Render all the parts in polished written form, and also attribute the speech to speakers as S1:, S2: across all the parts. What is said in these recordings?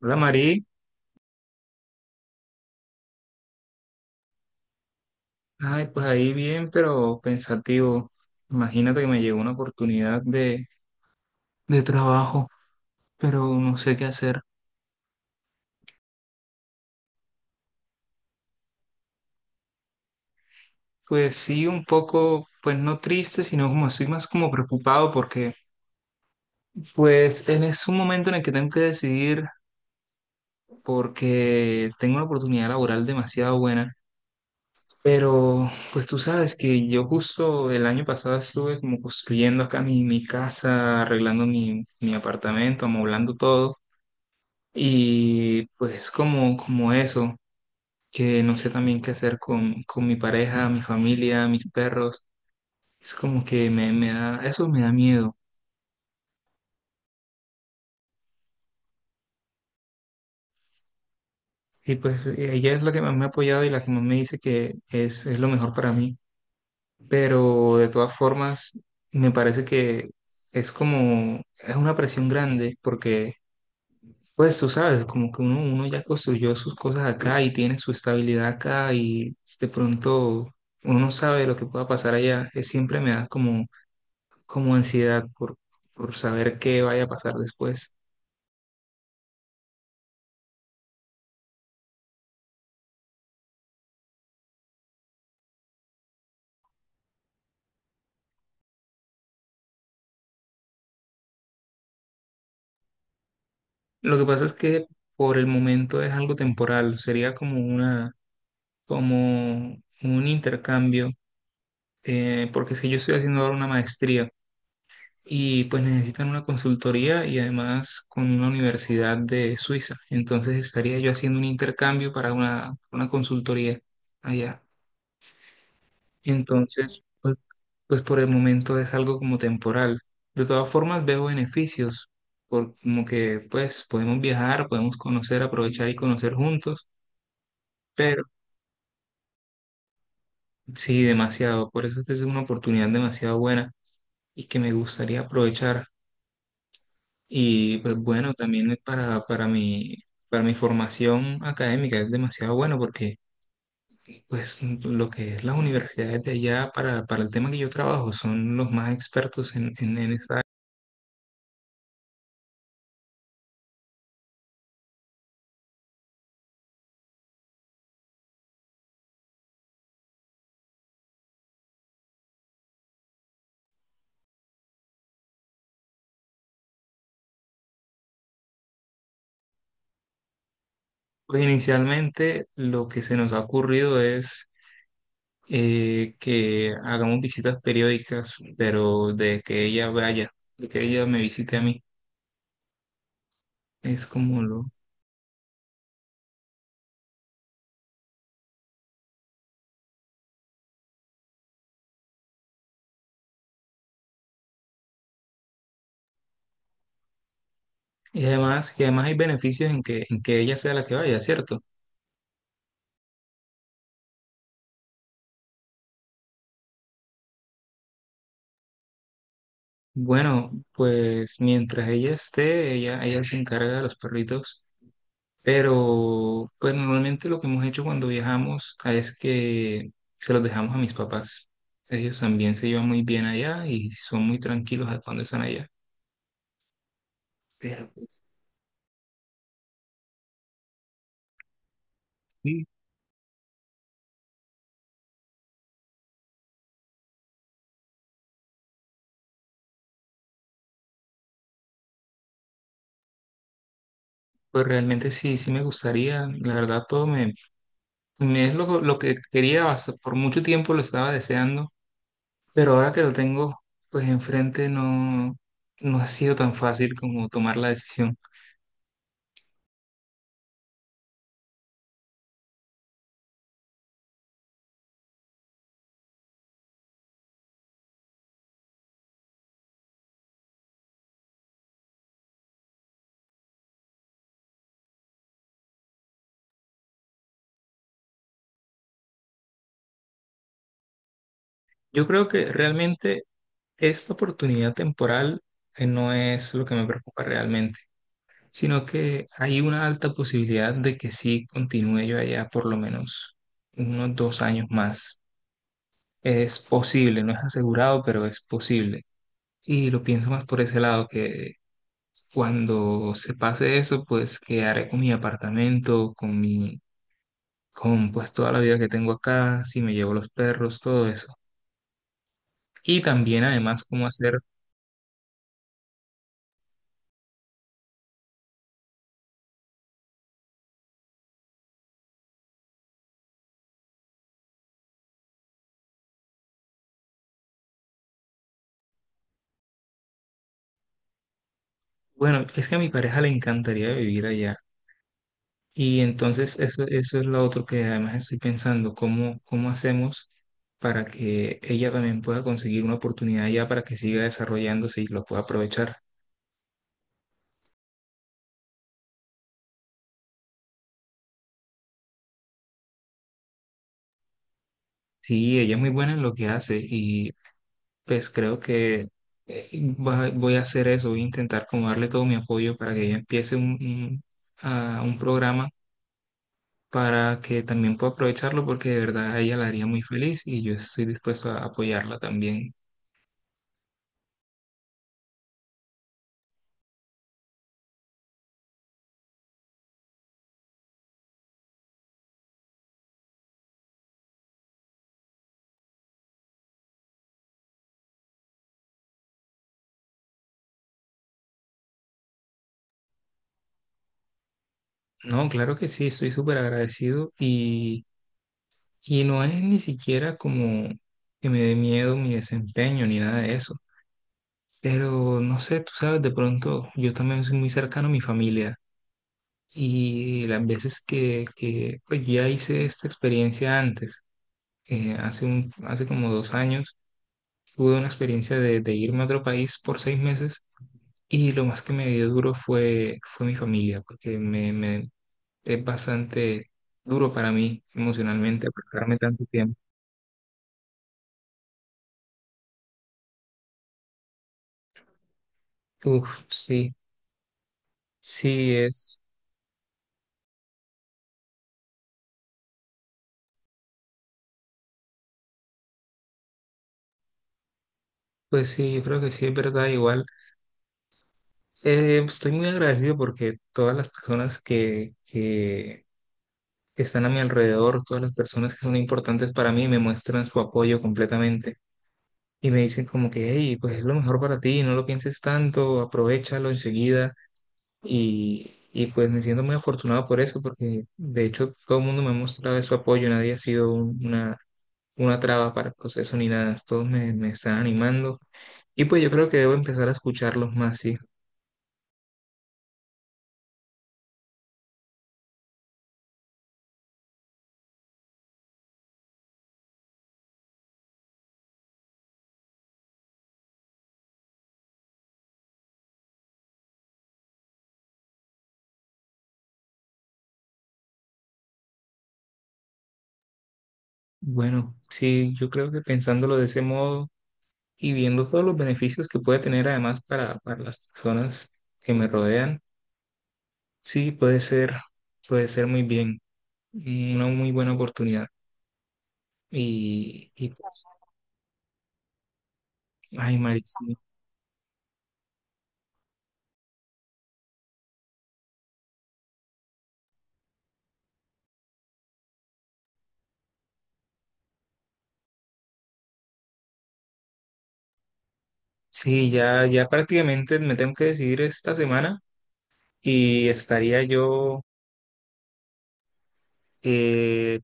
S1: Hola Mari, ay, pues ahí bien, pero pensativo. Imagínate que me llegó una oportunidad de trabajo, pero no sé qué hacer. Pues sí, un poco, pues no triste, sino como estoy más como preocupado porque pues es un momento en el que tengo que decidir porque tengo una oportunidad laboral demasiado buena. Pero pues tú sabes que yo justo el año pasado estuve como construyendo acá mi casa, arreglando mi apartamento, amoblando todo. Y pues como eso, que no sé también qué hacer con mi pareja, mi familia, mis perros, es como que me da, eso me da miedo. Y pues ella es la que más me ha apoyado y la que más me dice que es lo mejor para mí. Pero de todas formas, me parece que es como, es una presión grande porque pues tú sabes, como que uno ya construyó sus cosas acá y tiene su estabilidad acá y de pronto uno no sabe lo que pueda pasar allá. Siempre me da como, como ansiedad por saber qué vaya a pasar después. Lo que pasa es que por el momento es algo temporal, sería como como un intercambio, porque es que yo estoy haciendo ahora una maestría, y pues necesitan una consultoría y además con una universidad de Suiza. Entonces estaría yo haciendo un intercambio para una consultoría allá. Entonces, pues por el momento es algo como temporal. De todas formas veo beneficios, por, como que pues podemos viajar, podemos conocer, aprovechar y conocer juntos, pero sí, demasiado. Por eso esta es una oportunidad demasiado buena y que me gustaría aprovechar. Y pues bueno, también para mi formación académica es demasiado bueno porque pues lo que es las universidades de allá para el tema que yo trabajo son los más expertos en esa área. Pues inicialmente lo que se nos ha ocurrido es que hagamos visitas periódicas, pero de que ella vaya, de que ella me visite a mí. Es como lo... y además hay beneficios en que ella sea la que vaya, ¿cierto? Bueno, pues mientras ella esté, ella se encarga de los perritos, pero pues normalmente lo que hemos hecho cuando viajamos es que se los dejamos a mis papás. Ellos también se llevan muy bien allá y son muy tranquilos cuando están allá. Pero pues, sí, pues realmente sí, sí me gustaría, la verdad todo me, me es lo que quería, hasta por mucho tiempo lo estaba deseando, pero ahora que lo tengo pues enfrente no, no ha sido tan fácil como tomar la decisión. Yo creo que realmente esta oportunidad temporal no es lo que me preocupa realmente, sino que hay una alta posibilidad de que sí continúe yo allá por lo menos unos 2 años más. Es posible, no es asegurado, pero es posible. Y lo pienso más por ese lado, que cuando se pase eso, pues quedaré con mi apartamento, con mi, con pues toda la vida que tengo acá, si me llevo los perros, todo eso. Y también además cómo hacer. Bueno, es que a mi pareja le encantaría vivir allá. Y entonces eso es lo otro que además estoy pensando, cómo, cómo hacemos para que ella también pueda conseguir una oportunidad allá para que siga desarrollándose y lo pueda aprovechar. Sí, ella es muy buena en lo que hace y pues creo que eh, voy a hacer eso, voy a intentar como darle todo mi apoyo para que ella empiece un a un programa para que también pueda aprovecharlo porque de verdad a ella la haría muy feliz y yo estoy dispuesto a apoyarla también. No, claro que sí, estoy súper agradecido y no es ni siquiera como que me dé miedo mi desempeño ni nada de eso. Pero no sé, tú sabes, de pronto yo también soy muy cercano a mi familia y las veces que pues ya hice esta experiencia antes, hace un, hace como 2 años, tuve una experiencia de irme a otro país por 6 meses y lo más que me dio duro fue mi familia, porque es bastante duro para mí emocionalmente apartarme tanto tiempo. Uf, sí, sí es, pues sí, yo creo que sí es verdad, igual. Estoy muy agradecido porque todas las personas que están a mi alrededor, todas las personas que son importantes para mí, me muestran su apoyo completamente y me dicen como que, hey, pues es lo mejor para ti, no lo pienses tanto, aprovéchalo enseguida y pues me siento muy afortunado por eso porque de hecho todo el mundo me ha mostrado su apoyo, nadie ha sido una traba para el proceso ni nada. Todos me, me están animando. Y pues yo creo que debo empezar a escucharlos más, sí. Bueno, sí, yo creo que pensándolo de ese modo y viendo todos los beneficios que puede tener además para las personas que me rodean, sí, puede ser muy bien, una muy buena oportunidad. Y pues, ay, Mari, sí, sí, ya, ya prácticamente me tengo que decidir esta semana y estaría yo... eh,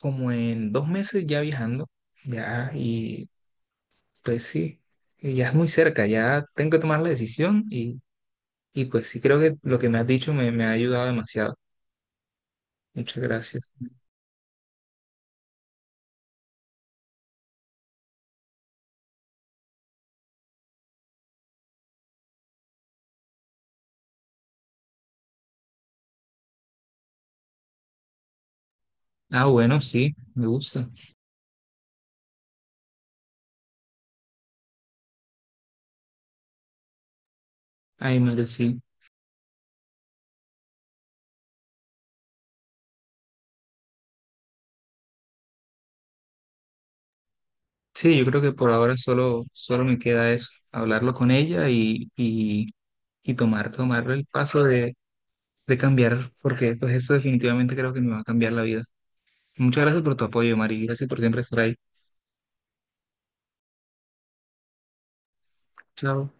S1: como en 2 meses ya viajando, ya, y pues sí, y ya es muy cerca, ya tengo que tomar la decisión y pues sí, creo que lo que me has dicho me, me ha ayudado demasiado. Muchas gracias. Ah, bueno, sí, me gusta. Ay, Mario, sí. Sí, yo creo que por ahora solo, solo me queda eso, hablarlo con ella y tomar, tomar el paso de cambiar, porque pues eso definitivamente creo que me va a cambiar la vida. Muchas gracias por tu apoyo, Mari. Gracias por siempre estar ahí. Chao.